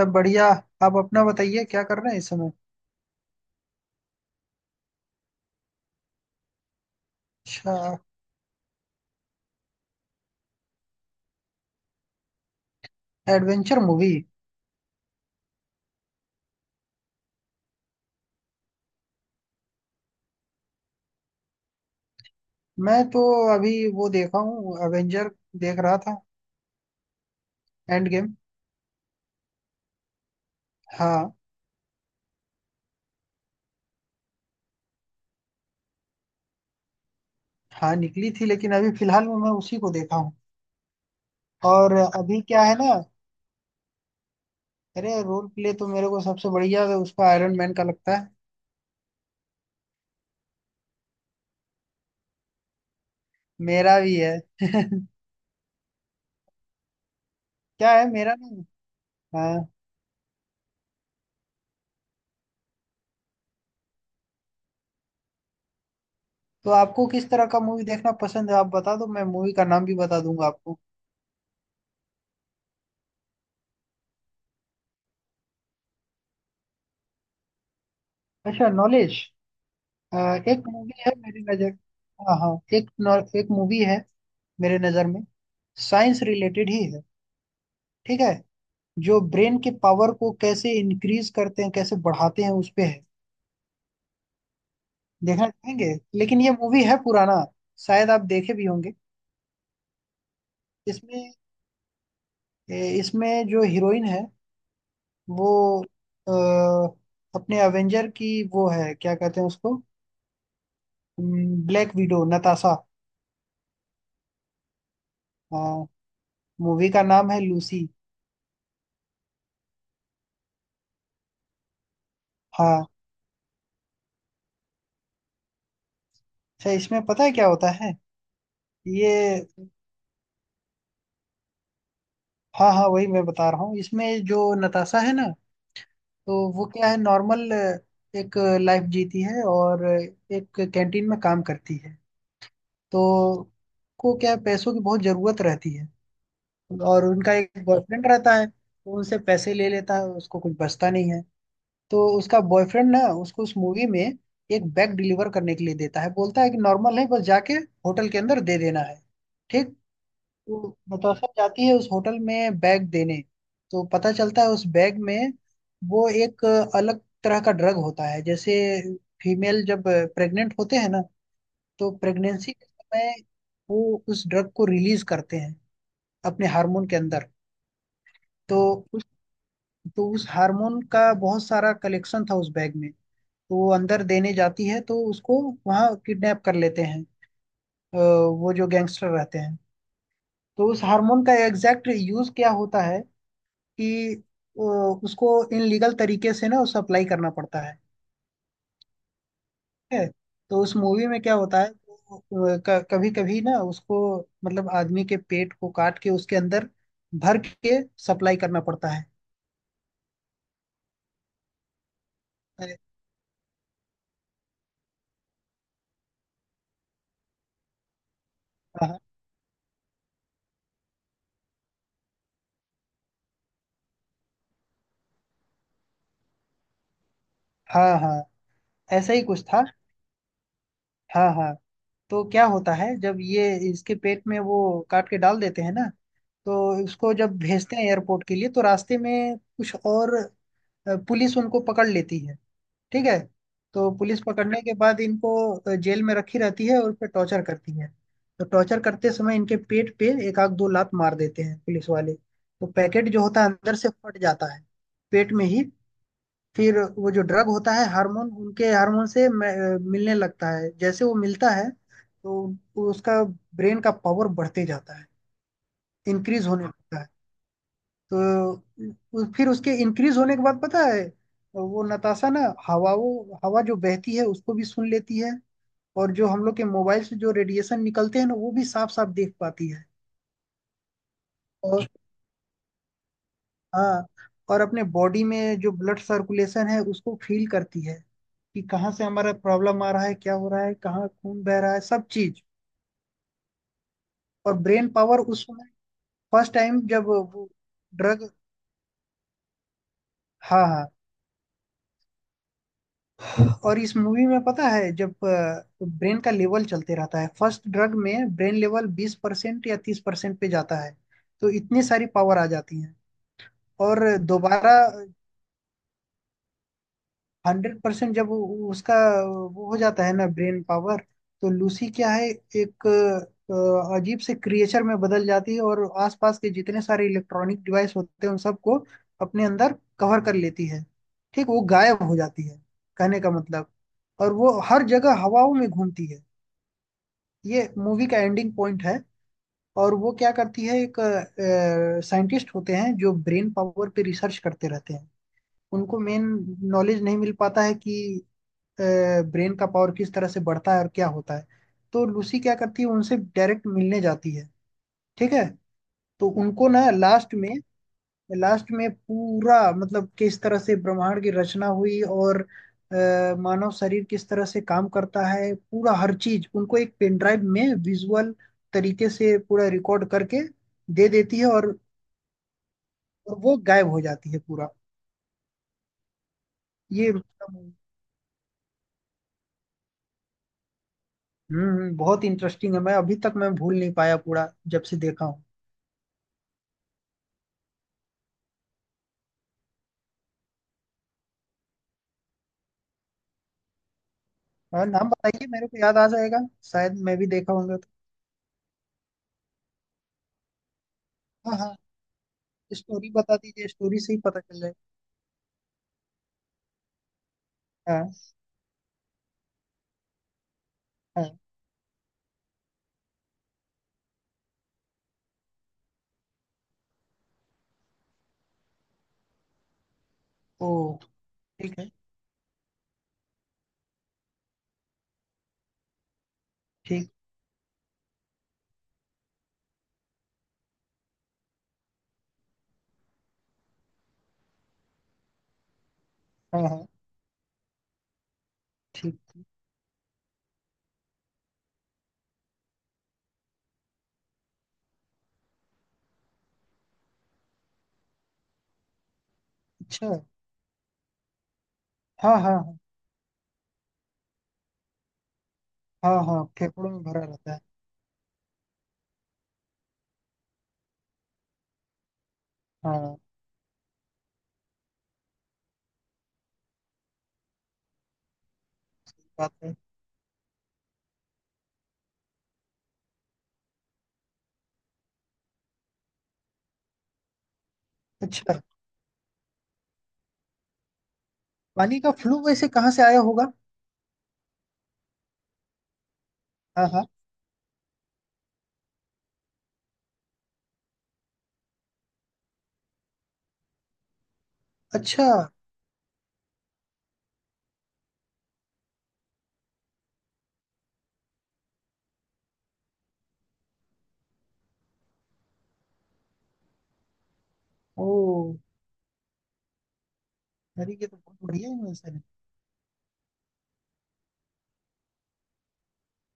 सब बढ़िया। आप अपना बताइए क्या कर रहे हैं इस समय। अच्छा। Adventure movie. मैं तो अभी वो देखा हूँ एवेंजर। देख रहा था। End game. हाँ। हाँ निकली थी लेकिन अभी फिलहाल में मैं उसी को देखा हूँ। और अभी क्या है ना। अरे रोल प्ले तो मेरे को सबसे बढ़िया उसका आयरन मैन का लगता है। मेरा भी है। क्या है मेरा नहीं। हाँ। तो आपको किस तरह का मूवी देखना पसंद है, आप बता दो, मैं मूवी का नाम भी बता दूंगा आपको। अच्छा, नॉलेज। एक मूवी है मेरी नजर। हाँ हाँ। एक मूवी है मेरे नजर में। साइंस रिलेटेड ही है। ठीक है। जो ब्रेन के पावर को कैसे इंक्रीज करते हैं, कैसे बढ़ाते हैं उस पे है। देखना चाहेंगे। लेकिन ये मूवी है पुराना, शायद आप देखे भी होंगे। इसमें इसमें जो हीरोइन है वो आ, अपने अवेंजर की वो है, क्या कहते हैं उसको, ब्लैक विडो नताशा। मूवी का नाम है लूसी। हाँ। अच्छा, इसमें पता है क्या होता है ये। हाँ हाँ, वही मैं बता रहा हूँ। इसमें जो नताशा है ना, तो वो क्या है, नॉर्मल एक लाइफ जीती है और एक कैंटीन में काम करती है। तो को क्या है, पैसों की बहुत जरूरत रहती है। और उनका एक बॉयफ्रेंड रहता है तो उनसे पैसे ले लेता है, उसको कुछ बचता नहीं है। तो उसका बॉयफ्रेंड ना उसको उस मूवी में एक बैग डिलीवर करने के लिए देता है, बोलता है कि नॉर्मल है, बस जाके होटल के अंदर दे देना है। ठीक। वो नताशा जाती है उस होटल में बैग देने, तो पता चलता है उस बैग में वो एक अलग तरह का ड्रग होता है। जैसे फीमेल जब प्रेग्नेंट होते हैं ना, तो प्रेगनेंसी के समय वो उस ड्रग को रिलीज करते हैं अपने हार्मोन के अंदर। तो उस तो उस हार्मोन का बहुत सारा कलेक्शन था उस बैग में। तो वो अंदर देने जाती है तो उसको वहाँ किडनैप कर लेते हैं, अ, वो जो गैंगस्टर रहते हैं। तो उस हार्मोन का एग्जैक्ट यूज क्या होता है कि उसको इन लीगल तरीके से ना उसे अप्लाई करना पड़ता है। ठीक है। तो उस मूवी में क्या होता है, कभी कभी ना उसको मतलब आदमी के पेट को काट के उसके अंदर भर के सप्लाई करना पड़ता है। अरे, हाँ हाँ हाँ, ऐसा ही कुछ था। हाँ हाँ। तो क्या होता है जब ये इसके पेट में वो काट के डाल देते हैं ना, तो इसको जब भेजते हैं एयरपोर्ट के लिए तो रास्ते में कुछ और पुलिस उनको पकड़ लेती है। ठीक है। तो पुलिस पकड़ने के बाद इनको जेल में रखी रहती है और फिर टॉर्चर करती है। तो टॉर्चर करते समय इनके पेट पे एक आध दो लात मार देते हैं पुलिस वाले, तो पैकेट जो होता है अंदर से फट जाता है, पेट में ही। फिर वो जो ड्रग होता है हार्मोन, उनके हार्मोन से मिलने लगता है। जैसे वो मिलता है तो उसका ब्रेन का पावर बढ़ते जाता है, इंक्रीज होने लगता है। तो फिर उसके इंक्रीज होने के बाद, पता है, वो नताशा ना हवा, वो हवा जो बहती है उसको भी सुन लेती है। और जो हम लोग के मोबाइल से जो रेडिएशन निकलते हैं ना, वो भी साफ साफ देख पाती है। और हाँ, और अपने बॉडी में जो ब्लड सर्कुलेशन है उसको फील करती है कि कहाँ से हमारा प्रॉब्लम आ रहा है, क्या हो रहा है, कहाँ खून बह रहा है, सब चीज। और ब्रेन पावर उस समय फर्स्ट टाइम जब वो ड्रग। हाँ हाँ। और इस मूवी में पता है, जब ब्रेन का लेवल चलते रहता है, फर्स्ट ड्रग में ब्रेन लेवल 20% या 30% पे जाता है, तो इतनी सारी पावर आ जाती है। और दोबारा 100% जब उसका वो हो जाता है ना ब्रेन पावर, तो लूसी क्या है, एक अजीब से क्रिएचर में बदल जाती है और आसपास के जितने सारे इलेक्ट्रॉनिक डिवाइस होते हैं उन सबको अपने अंदर कवर कर लेती है। ठीक, वो गायब हो जाती है, कहने का मतलब। और वो हर जगह हवाओं में घूमती है। ये मूवी का एंडिंग पॉइंट है। और वो क्या करती है, एक साइंटिस्ट होते हैं जो ब्रेन पावर पे रिसर्च करते रहते हैं, उनको मेन नॉलेज नहीं मिल पाता है कि ब्रेन का पावर किस तरह से बढ़ता है और क्या होता है। तो लूसी क्या करती है उनसे डायरेक्ट मिलने जाती है। ठीक है। तो उनको ना, लास्ट में, लास्ट में पूरा मतलब किस तरह से ब्रह्मांड की रचना हुई और मानव शरीर किस तरह से काम करता है, पूरा हर चीज उनको एक पेन ड्राइव में विजुअल तरीके से पूरा रिकॉर्ड करके दे देती है, और वो गायब हो जाती है पूरा। ये मतलब हम्म, बहुत इंटरेस्टिंग है। मैं अभी तक मैं भूल नहीं पाया पूरा, जब से देखा हूँ। और नाम बताइए, मेरे को याद आ जाएगा, शायद मैं भी देखा होगा तो। हाँ हाँ। स्टोरी बता दीजिए, स्टोरी से ही पता चल जाएगा। हाँ हाँ। ओ। ठीक है। ठीक। हाँ हाँ। ठीक। अच्छा। हाँ हाँ हाँ हाँ हाँ, फेफड़ों में भरा रहता है। हाँ बात है। अच्छा, पानी का फ्लू वैसे कहाँ से आया होगा। हाँ हाँ। अच्छा। ओ। अरे ये तो बहुत बढ़िया इन्वेंशन है।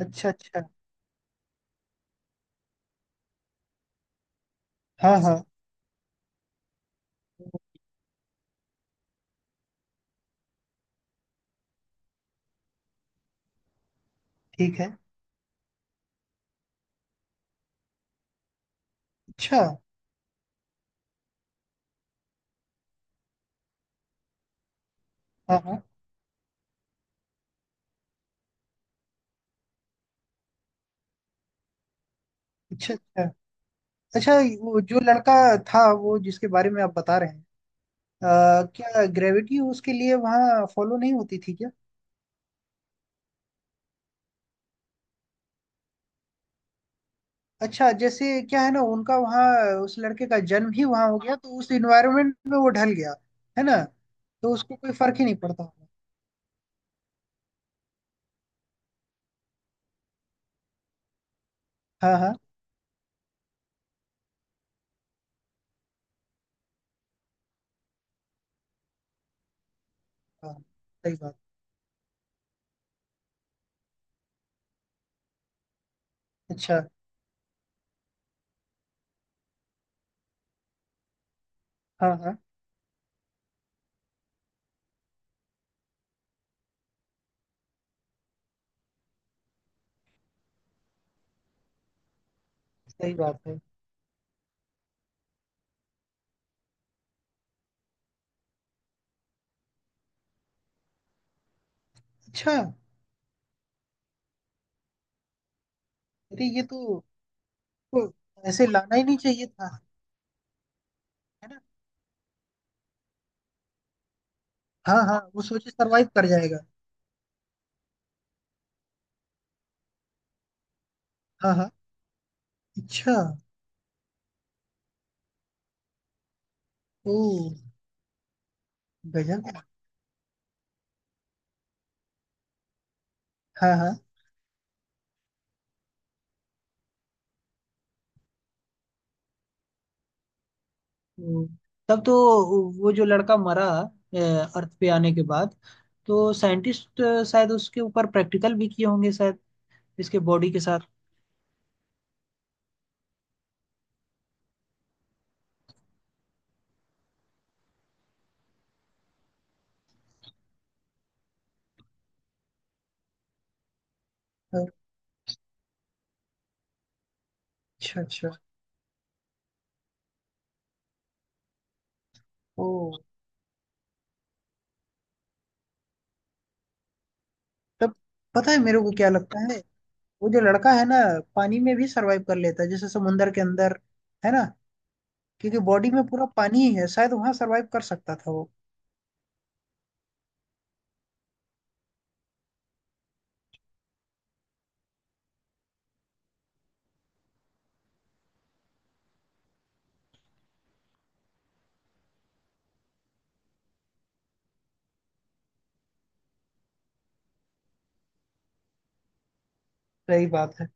अच्छा अच्छा। हाँ हाँ। ओ। ठीक है। अच्छा। हाँ हाँ। अच्छा अच्छा। अच्छा, वो जो लड़का था, वो जिसके बारे में आप बता रहे हैं, अ, क्या ग्रेविटी उसके लिए वहाँ फॉलो नहीं होती थी क्या। अच्छा, जैसे क्या है ना, उनका वहाँ उस लड़के का जन्म ही वहाँ हो गया, तो उस इन्वायरमेंट में वो ढल गया, है ना, तो उसको कोई फर्क ही नहीं पड़ता होगा। हाँ हाँ हाँ। सही बात। अच्छा। हाँ हाँ। सही बात है। अच्छा। अरे ये तो ऐसे लाना ही नहीं चाहिए था। है ना। हाँ हाँ, वो सोचे सरवाइव कर जाएगा। हाँ हाँ। अच्छा। ओ। गजब। हाँ हाँ। हम्म, तब तो, वो जो लड़का मरा अ, अर्थ पे आने के बाद, तो साइंटिस्ट शायद उसके ऊपर प्रैक्टिकल भी किए होंगे शायद, इसके बॉडी के साथ। अच्छा अच्छा। ओ। तब पता है मेरे को क्या लगता है, वो जो लड़का है ना, पानी में भी सरवाइव कर लेता है, जैसे समुंदर के अंदर, है ना, क्योंकि बॉडी में पूरा पानी ही है, शायद वहां सरवाइव कर सकता था वो। सही बात है,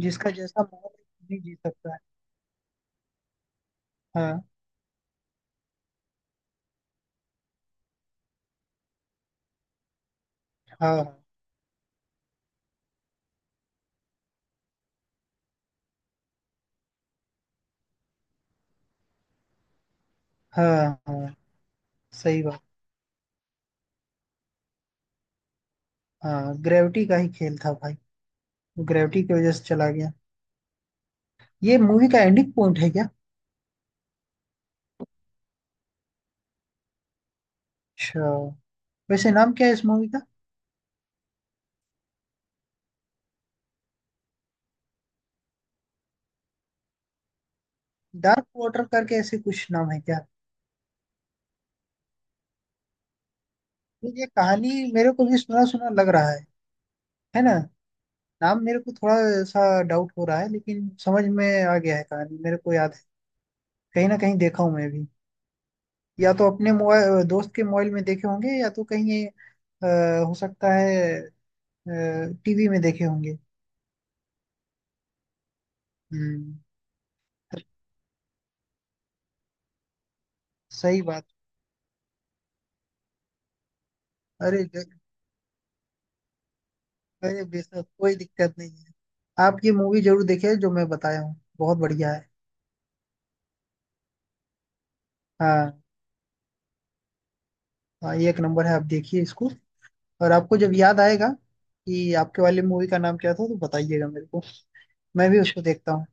जिसका जैसा माहौल है, नहीं जी सकता है। हाँ हाँ हाँ हाँ। सही बात। हाँ, ग्रेविटी का ही खेल था भाई, ग्रेविटी की वजह से चला गया। ये मूवी का एंडिंग पॉइंट है क्या। अच्छा। वैसे नाम क्या है इस मूवी का, डार्क वाटर करके ऐसे कुछ नाम है क्या। तो ये कहानी मेरे को भी सुना सुना लग रहा है ना। नाम मेरे को थोड़ा सा डाउट हो रहा है, लेकिन समझ में आ गया है, कहानी मेरे को याद है। कहीं ना कहीं देखा हूँ मैं भी, या तो अपने मोबाइल, दोस्त के मोबाइल में देखे होंगे या तो कहीं हो सकता है टीवी में देखे होंगे। हम्म। सही बात। अरे अरे, बेशक कोई दिक्कत नहीं है। आप ये मूवी जरूर देखिए जो मैं बताया हूँ, बहुत बढ़िया है। हाँ हाँ, ये एक नंबर है, आप देखिए इसको। और आपको जब याद आएगा कि आपके वाली मूवी का नाम क्या था तो बताइएगा मेरे को, मैं भी उसको देखता हूँ।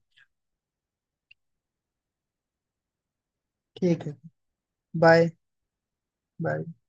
ठीक है। Bye bye.